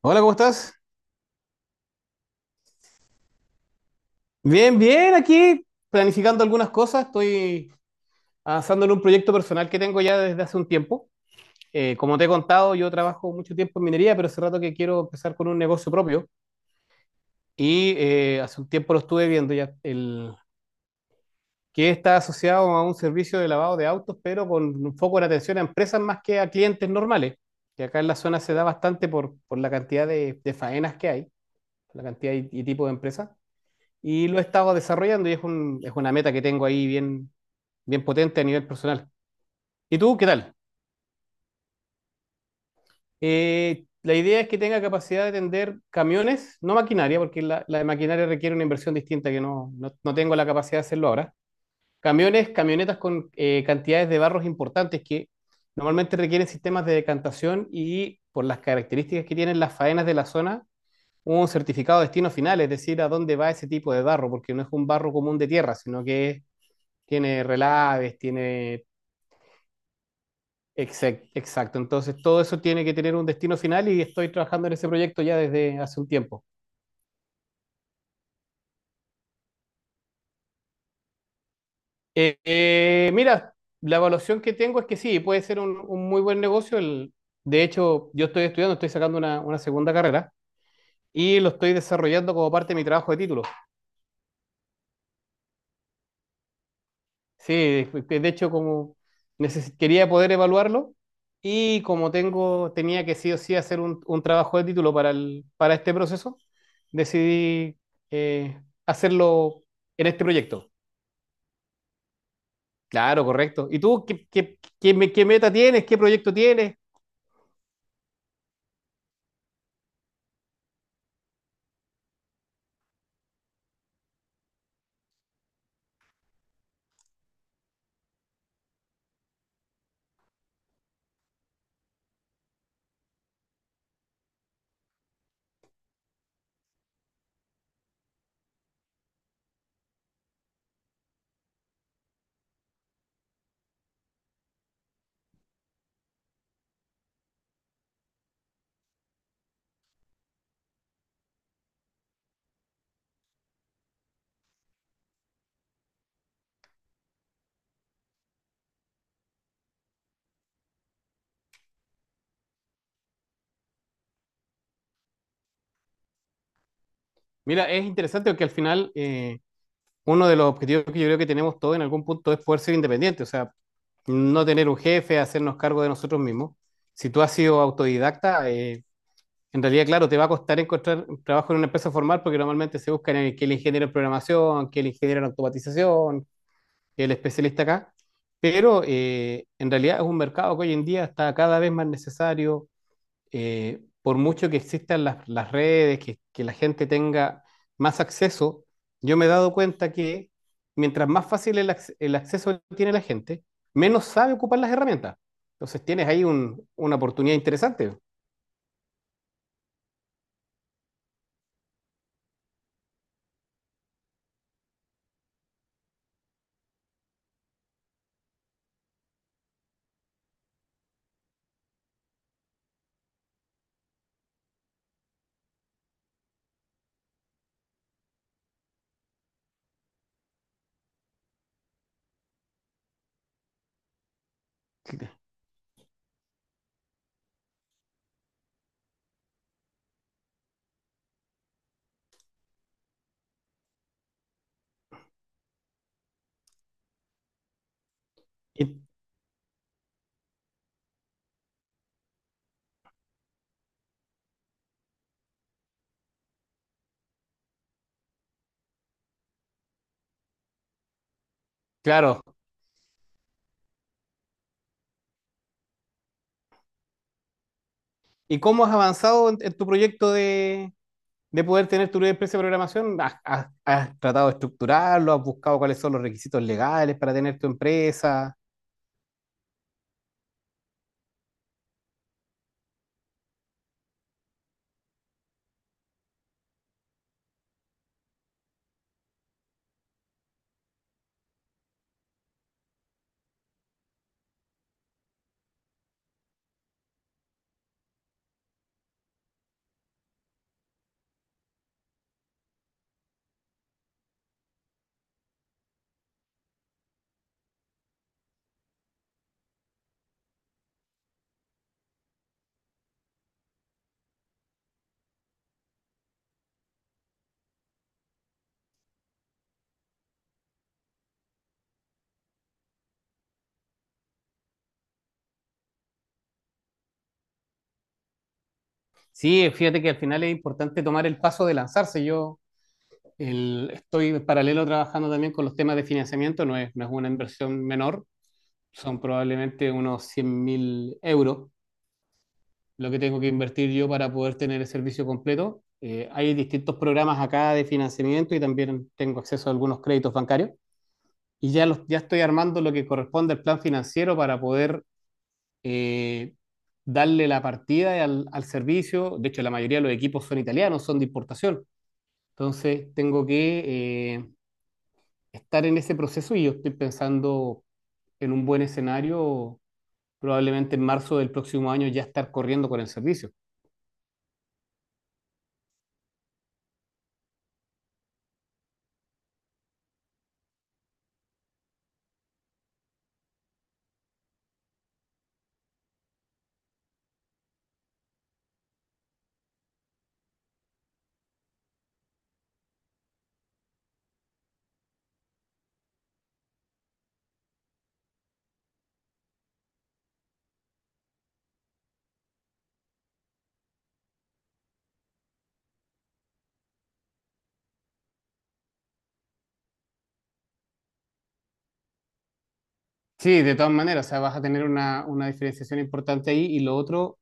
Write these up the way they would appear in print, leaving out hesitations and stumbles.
Hola, ¿cómo estás? Bien, bien, aquí planificando algunas cosas. Estoy avanzando en un proyecto personal que tengo ya desde hace un tiempo. Como te he contado, yo trabajo mucho tiempo en minería, pero hace rato que quiero empezar con un negocio propio. Hace un tiempo lo estuve viendo ya, el, que está asociado a un servicio de lavado de autos, pero con un foco en atención a empresas más que a clientes normales. Que acá en la zona se da bastante por la cantidad de faenas que hay, la cantidad y tipo de empresas. Y lo he estado desarrollando y es, es una meta que tengo ahí bien, bien potente a nivel personal. ¿Y tú qué tal? La idea es que tenga capacidad de tender camiones, no maquinaria, porque la de maquinaria requiere una inversión distinta que no tengo la capacidad de hacerlo ahora. Camiones, camionetas con cantidades de barros importantes que normalmente requieren sistemas de decantación y por las características que tienen las faenas de la zona, un certificado de destino final, es decir, a dónde va ese tipo de barro, porque no es un barro común de tierra, sino que es tiene relaves, tiene... Exacto, entonces todo eso tiene que tener un destino final y estoy trabajando en ese proyecto ya desde hace un tiempo. Mira, la evaluación que tengo es que sí, puede ser un muy buen negocio. De hecho, yo estoy estudiando, estoy sacando una segunda carrera y lo estoy desarrollando como parte de mi trabajo de título. Sí, de hecho, como quería poder evaluarlo y como tengo, tenía que sí o sí hacer un trabajo de título para el, para este proceso, decidí eh, hacerlo en este proyecto. Claro, correcto. ¿Y tú qué, qué meta tienes? ¿Qué proyecto tienes? Mira, es interesante porque al final uno de los objetivos que yo creo que tenemos todos en algún punto es poder ser independientes, o sea, no tener un jefe, hacernos cargo de nosotros mismos. Si tú has sido autodidacta, en realidad, claro, te va a costar encontrar trabajo en una empresa formal porque normalmente se buscan el, que el ingeniero en programación, que el ingeniero en automatización, que el especialista acá. Pero en realidad es un mercado que hoy en día está cada vez más necesario. Por mucho que existan las redes, que la gente tenga más acceso, yo me he dado cuenta que mientras más fácil el acceso tiene la gente, menos sabe ocupar las herramientas. Entonces tienes ahí una oportunidad interesante. Y claro, ¿y cómo has avanzado en tu proyecto de poder tener tu propia empresa de programación? ¿Has, has tratado de estructurarlo? ¿Has buscado cuáles son los requisitos legales para tener tu empresa? Sí, fíjate que al final es importante tomar el paso de lanzarse. Yo estoy en paralelo trabajando también con los temas de financiamiento, no es una inversión menor, son probablemente unos 100.000 euros lo que tengo que invertir yo para poder tener el servicio completo. Hay distintos programas acá de financiamiento y también tengo acceso a algunos créditos bancarios. Y ya, los, ya estoy armando lo que corresponde al plan financiero para poder eh, darle la partida al, al servicio. De hecho, la mayoría de los equipos son italianos, son de importación. Entonces, tengo que estar en ese proceso y yo estoy pensando en un buen escenario, probablemente en marzo del próximo año ya estar corriendo con el servicio. Sí, de todas maneras, o sea, vas a tener una diferenciación importante ahí y lo otro,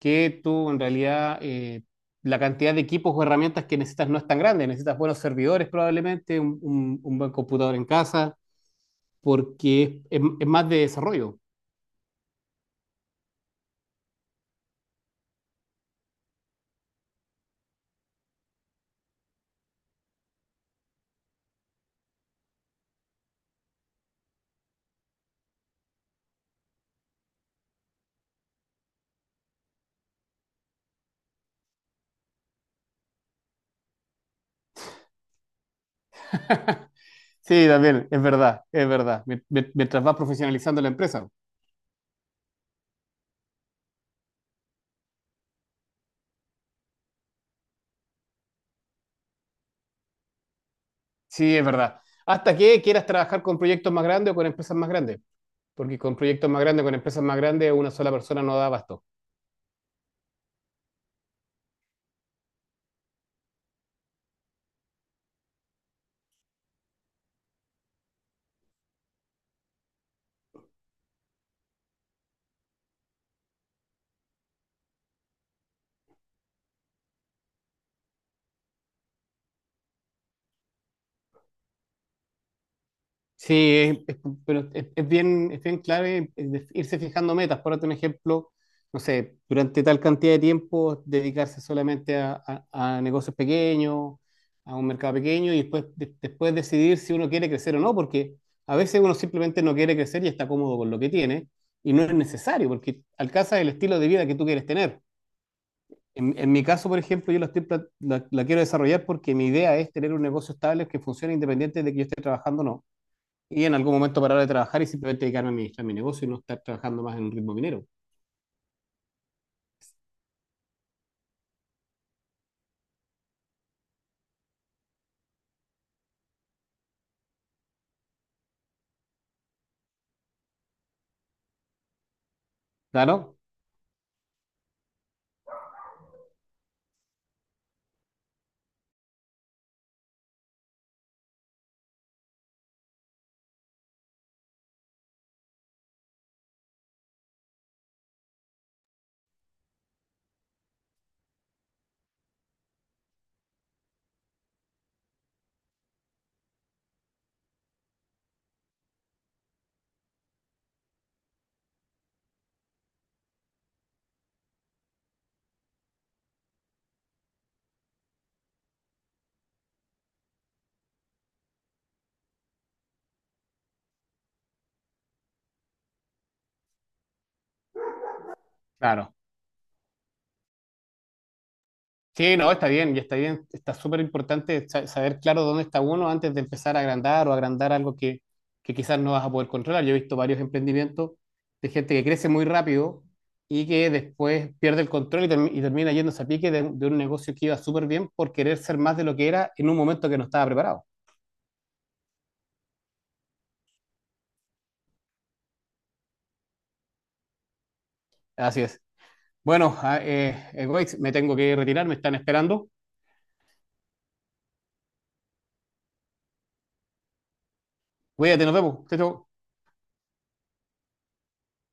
que tú en realidad la cantidad de equipos o herramientas que necesitas no es tan grande. Necesitas buenos servidores probablemente, un, un buen computador en casa, porque es más de desarrollo. Sí, también, es verdad, es verdad. Mientras vas profesionalizando la empresa. Sí, es verdad. Hasta que quieras trabajar con proyectos más grandes o con empresas más grandes, porque con proyectos más grandes, con empresas más grandes, una sola persona no da abasto. Sí, es- es- pero es bien clave irse fijando metas. Por otro ejemplo, no sé, durante tal cantidad de tiempo dedicarse solamente a, a negocios pequeños, a un mercado pequeño y después, después decidir si uno quiere crecer o no, porque a veces uno simplemente no quiere crecer y está cómodo con lo que tiene y no es necesario porque alcanzas el estilo de vida que tú quieres tener. En mi caso, por ejemplo, yo la, estoy la quiero desarrollar porque mi idea es tener un negocio estable que funcione independiente de que yo esté trabajando o no y en algún momento parar de trabajar y simplemente dedicarme a administrar mi negocio y no estar trabajando más en un ritmo minero. ¿Claro? Claro. Sí, no, está bien, ya está bien. Está súper importante saber claro dónde está uno antes de empezar a agrandar o agrandar algo que quizás no vas a poder controlar. Yo he visto varios emprendimientos de gente que crece muy rápido y que después pierde el control y, termina yéndose a pique de un negocio que iba súper bien por querer ser más de lo que era en un momento que no estaba preparado. Así es. Bueno, Goix, me tengo que retirar, me están esperando. Cuídate, nos vemos. Chao, chao.